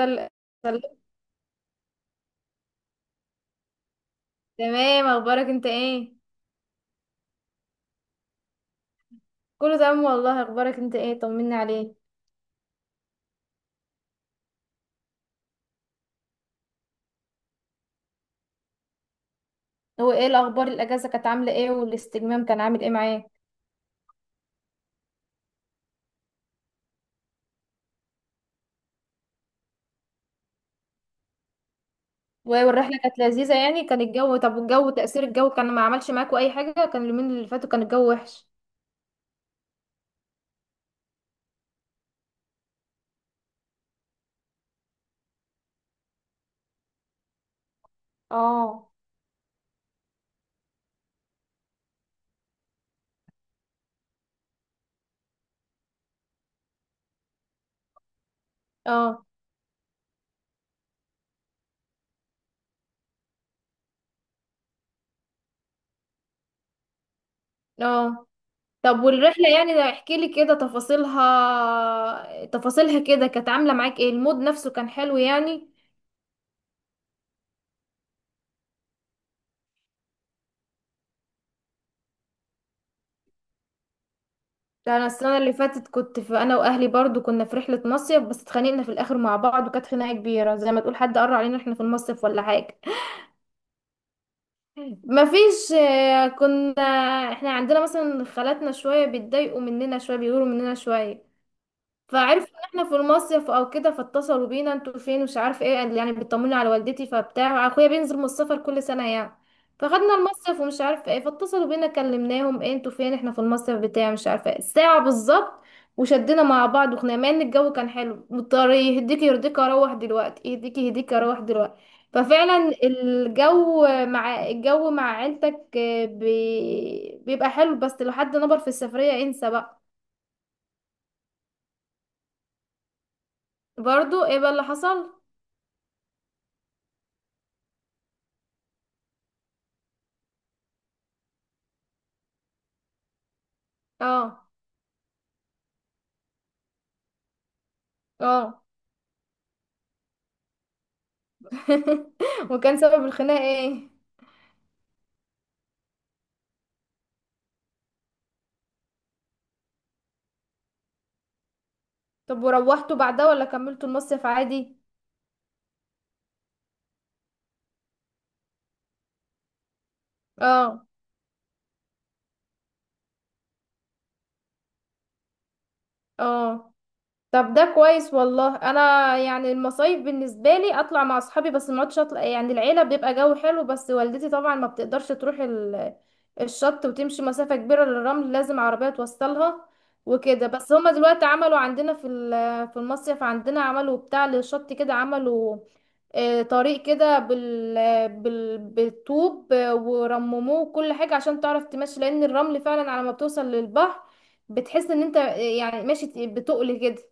سل- سلام. تمام، اخبارك انت ايه؟ كله تمام والله، اخبارك انت ايه؟ طمني عليك. هو ايه الاخبار؟ الاجازه كانت عامله ايه والاستجمام كان عامل ايه معاك؟ والرحله كانت لذيذه يعني؟ كان الجو طب؟ والجو، تاثير الجو كان ما عملش معاكوا اي حاجه؟ كان اليومين اللي فاتوا كان الجو وحش. اه اه اه طب والرحله يعني، ده احكي لي كده تفاصيلها، كده كانت عامله معاك ايه؟ المود نفسه كان حلو يعني؟ ده انا السنه اللي فاتت كنت في، انا واهلي برضو كنا في رحله مصيف، بس اتخانقنا في الاخر مع بعض، وكانت خناقه كبيره زي ما تقول حد قرر علينا احنا في المصيف ولا حاجه. مفيش. كنا، احنا عندنا مثلا خالاتنا شويه بيتضايقوا مننا، شويه بيغيروا مننا شويه. فعرفوا ان احنا في المصيف او كده، فاتصلوا بينا انتوا فين مش عارف ايه، يعني بيطمنوا على والدتي، فبتاع اخويا بينزل من السفر كل سنه يعني. فخدنا المصيف ومش عارف ايه، فاتصلوا بينا كلمناهم ايه انتوا فين، احنا في المصيف بتاع مش عارفه ايه ساعه بالظبط. وشدنا مع بعض وخنا، مع ان الجو كان حلو، مضطر يهديك يرضيك، اروح دلوقتي يهديك، اروح دلوقتي. ففعلا الجو، مع الجو مع عيلتك بيبقى حلو، بس لو حد نبر في السفريه انسى بقى. برضو ايه بقى اللي حصل؟ اه اه وكان سبب الخناقة ايه؟ طب وروحتوا بعدها ولا كملتوا المصيف عادي؟ اه اه طب ده كويس والله. انا يعني المصايف بالنسبه لي اطلع مع اصحابي، بس ما اقعدش اطلع يعني. العيله بيبقى جو حلو، بس والدتي طبعا ما بتقدرش تروح الشط وتمشي مسافه كبيره للرمل، لازم عربيه توصلها وكده. بس هما دلوقتي عملوا عندنا في في المصيف عندنا، عملوا بتاع للشط كده، عملوا طريق كده بالطوب، ورمموه كل حاجة عشان تعرف تمشي، لأن الرمل فعلا على ما بتوصل للبحر بتحس ان انت يعني ماشي بتقل كده.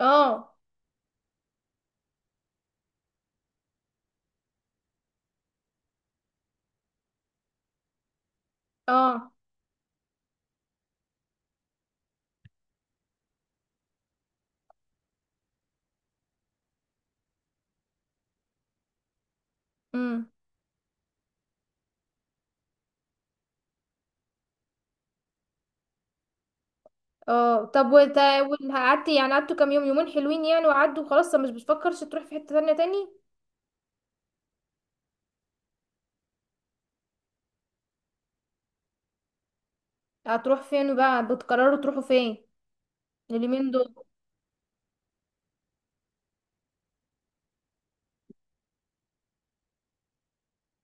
اه اه امم اه طب وانت قعدت يعني، كام يوم؟ يومين حلوين يعني وعدوا خلاص؟ طب مش بتفكرش تروح في حتة تانية تاني؟ هتروح فين بقى؟ بتقرروا تروحوا فين اليومين دول؟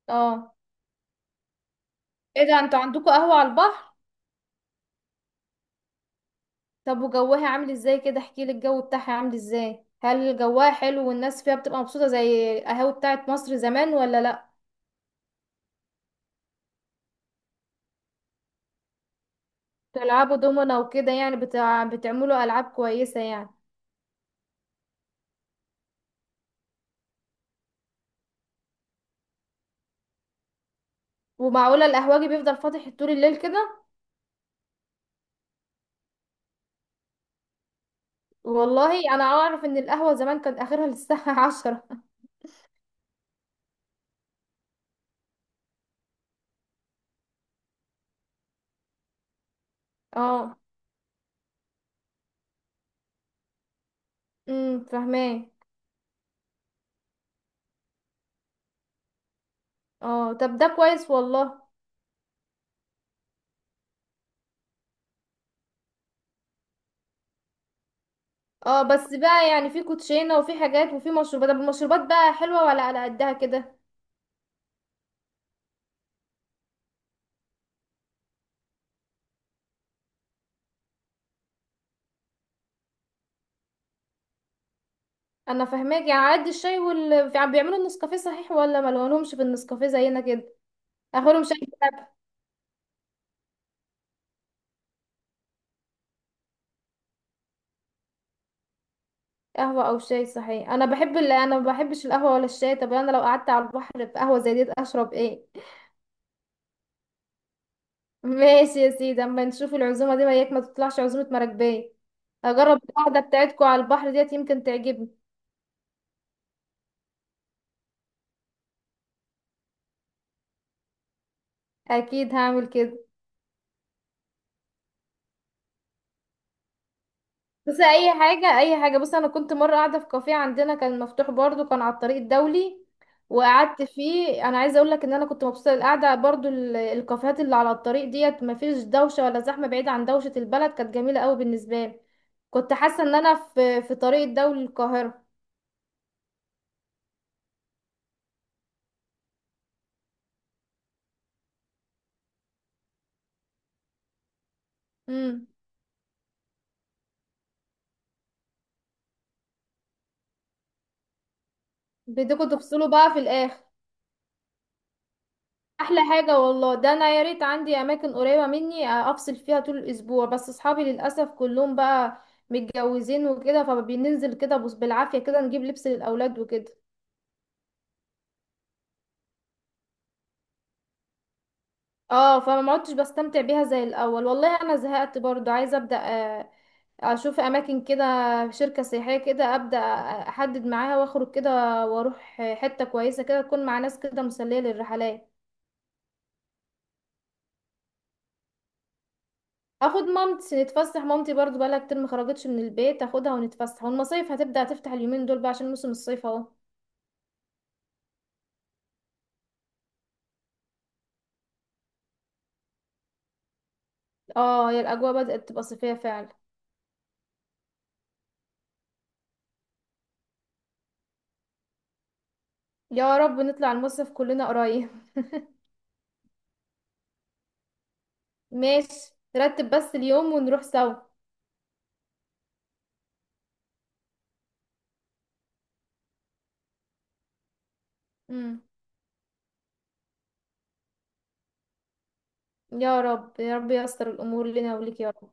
اه. ايه ده انتوا عندكوا قهوة على البحر؟ طب وجوها عامل ازاي؟ كده احكي لي الجو بتاعها عامل ازاي، هل جواها حلو والناس فيها بتبقى مبسوطة زي القهاوي بتاعت مصر زمان ولا لا؟ بتلعبوا دومنا وكده يعني؟ بتعملوا العاب كويسة يعني؟ ومعقولة القهوجي بيفضل فاتح طول الليل كده؟ والله انا اعرف ان القهوه زمان كان اخرها للساعه عشرة. اه فاهماه. اه طب ده كويس والله. اه بس بقى يعني في كوتشينه وفي حاجات وفي مشروبات، طب المشروبات بقى حلوه ولا على قدها كده؟ انا فاهماك، يعني على قد الشاي وال، بيعملوا النسكافيه صحيح ولا ما لهمش في النسكافيه زينا كده؟ اخرهم شاي بلبن. قهوه او شاي؟ صحيح انا بحب انا ما بحبش القهوه ولا الشاي، طب انا لو قعدت على البحر في قهوه زي دي اشرب ايه؟ ماشي يا سيدي، اما نشوف العزومه دي وياك، ما تطلعش عزومه مراكبيه. هجرب القعده بتاعتكم على البحر ديت، يمكن تعجبني. اكيد هعمل كده. بس اي حاجه، اي حاجه، بص انا كنت مره قاعده في كافيه عندنا، كان مفتوح برضو، كان على الطريق الدولي، وقعدت فيه. انا عايزه اقول لك ان انا كنت مبسوطه، القعده برضو الكافيهات اللي على الطريق ديت ما فيش دوشه ولا زحمه، بعيد عن دوشه البلد، كانت جميله قوي بالنسبه لي. كنت حاسه ان انا في، في طريق الدولي للقاهره. امم. بدكم تفصلوا بقى في الاخر. احلى حاجه والله. ده انا يا ريت عندي اماكن قريبه مني، افصل فيها طول الاسبوع، بس اصحابي للاسف كلهم بقى متجوزين وكده، فبننزل كده بص بالعافيه كده نجيب لبس للاولاد وكده. اه فما عدتش بستمتع بيها زي الاول. والله انا زهقت برضو، عايزه ابدا آه، اشوف اماكن كده، شركه سياحيه كده ابدا، احدد معاها واخرج كده، واروح حته كويسه كده تكون مع ناس كده مسليه للرحلات. اخد مامتي نتفسح، مامتي برضو بقالها كتير ما خرجتش من البيت، اخدها ونتفسح، والمصايف هتبدأ تفتح اليومين دول بقى عشان موسم الصيف اهو. اه، يا الاجواء بدأت تبقى صيفية فعلا. يا رب نطلع المصيف كلنا قريب. ماشي، نرتب بس اليوم ونروح سوا. امم. يا رب يا رب ييسر الامور لنا وليك يا رب.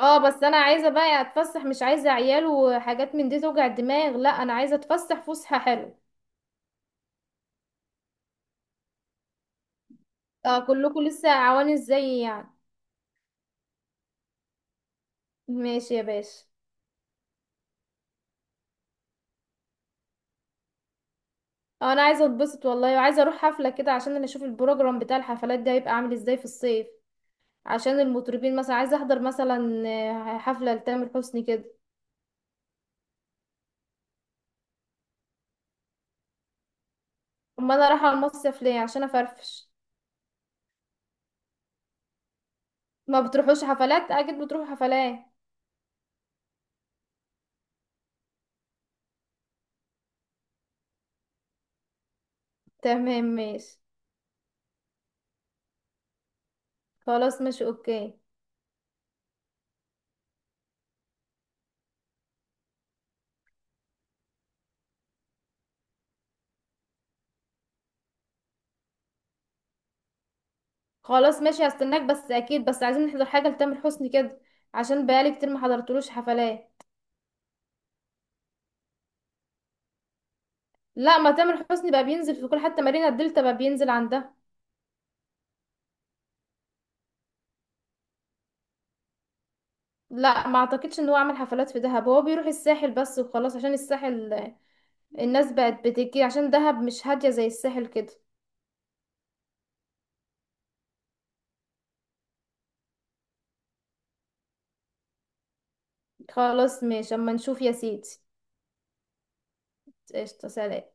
اه بس انا عايزه بقى اتفسح، مش عايزه عيال وحاجات من دي توجع الدماغ، لا انا عايزه اتفسح فسحه حلوه. اه كلكم لسه عوانس زيي يعني. ماشي يا باشا. اه انا عايزه اتبسط والله، وعايزه اروح حفله كده عشان انا اشوف البروجرام بتاع الحفلات ده هيبقى عامل ازاي في الصيف، عشان المطربين مثلا عايزه احضر مثلا حفله لتامر حسني كده. امال انا رايحه المصيف ليه؟ عشان افرفش. ما بتروحوش حفلات؟ اكيد بتروحوا حفلات. تمام ماشي. خلاص ماشي اوكي. خلاص ماشي هستناك، بس اكيد بس عايزين نحضر حاجه لتامر حسني كده، عشان بقالي كتير ما حضرتلوش حفلات. لا ما تامر حسني بقى بينزل في كل حتى، مارينا الدلتا بقى بينزل عندها. لا ما اعتقدش ان هو عمل حفلات في دهب، هو بيروح الساحل بس وخلاص، عشان الساحل الناس بقت بتجي، عشان دهب مش هادية زي الساحل كده. خلاص ماشي اما نشوف يا سيدي. قشطة، سلام.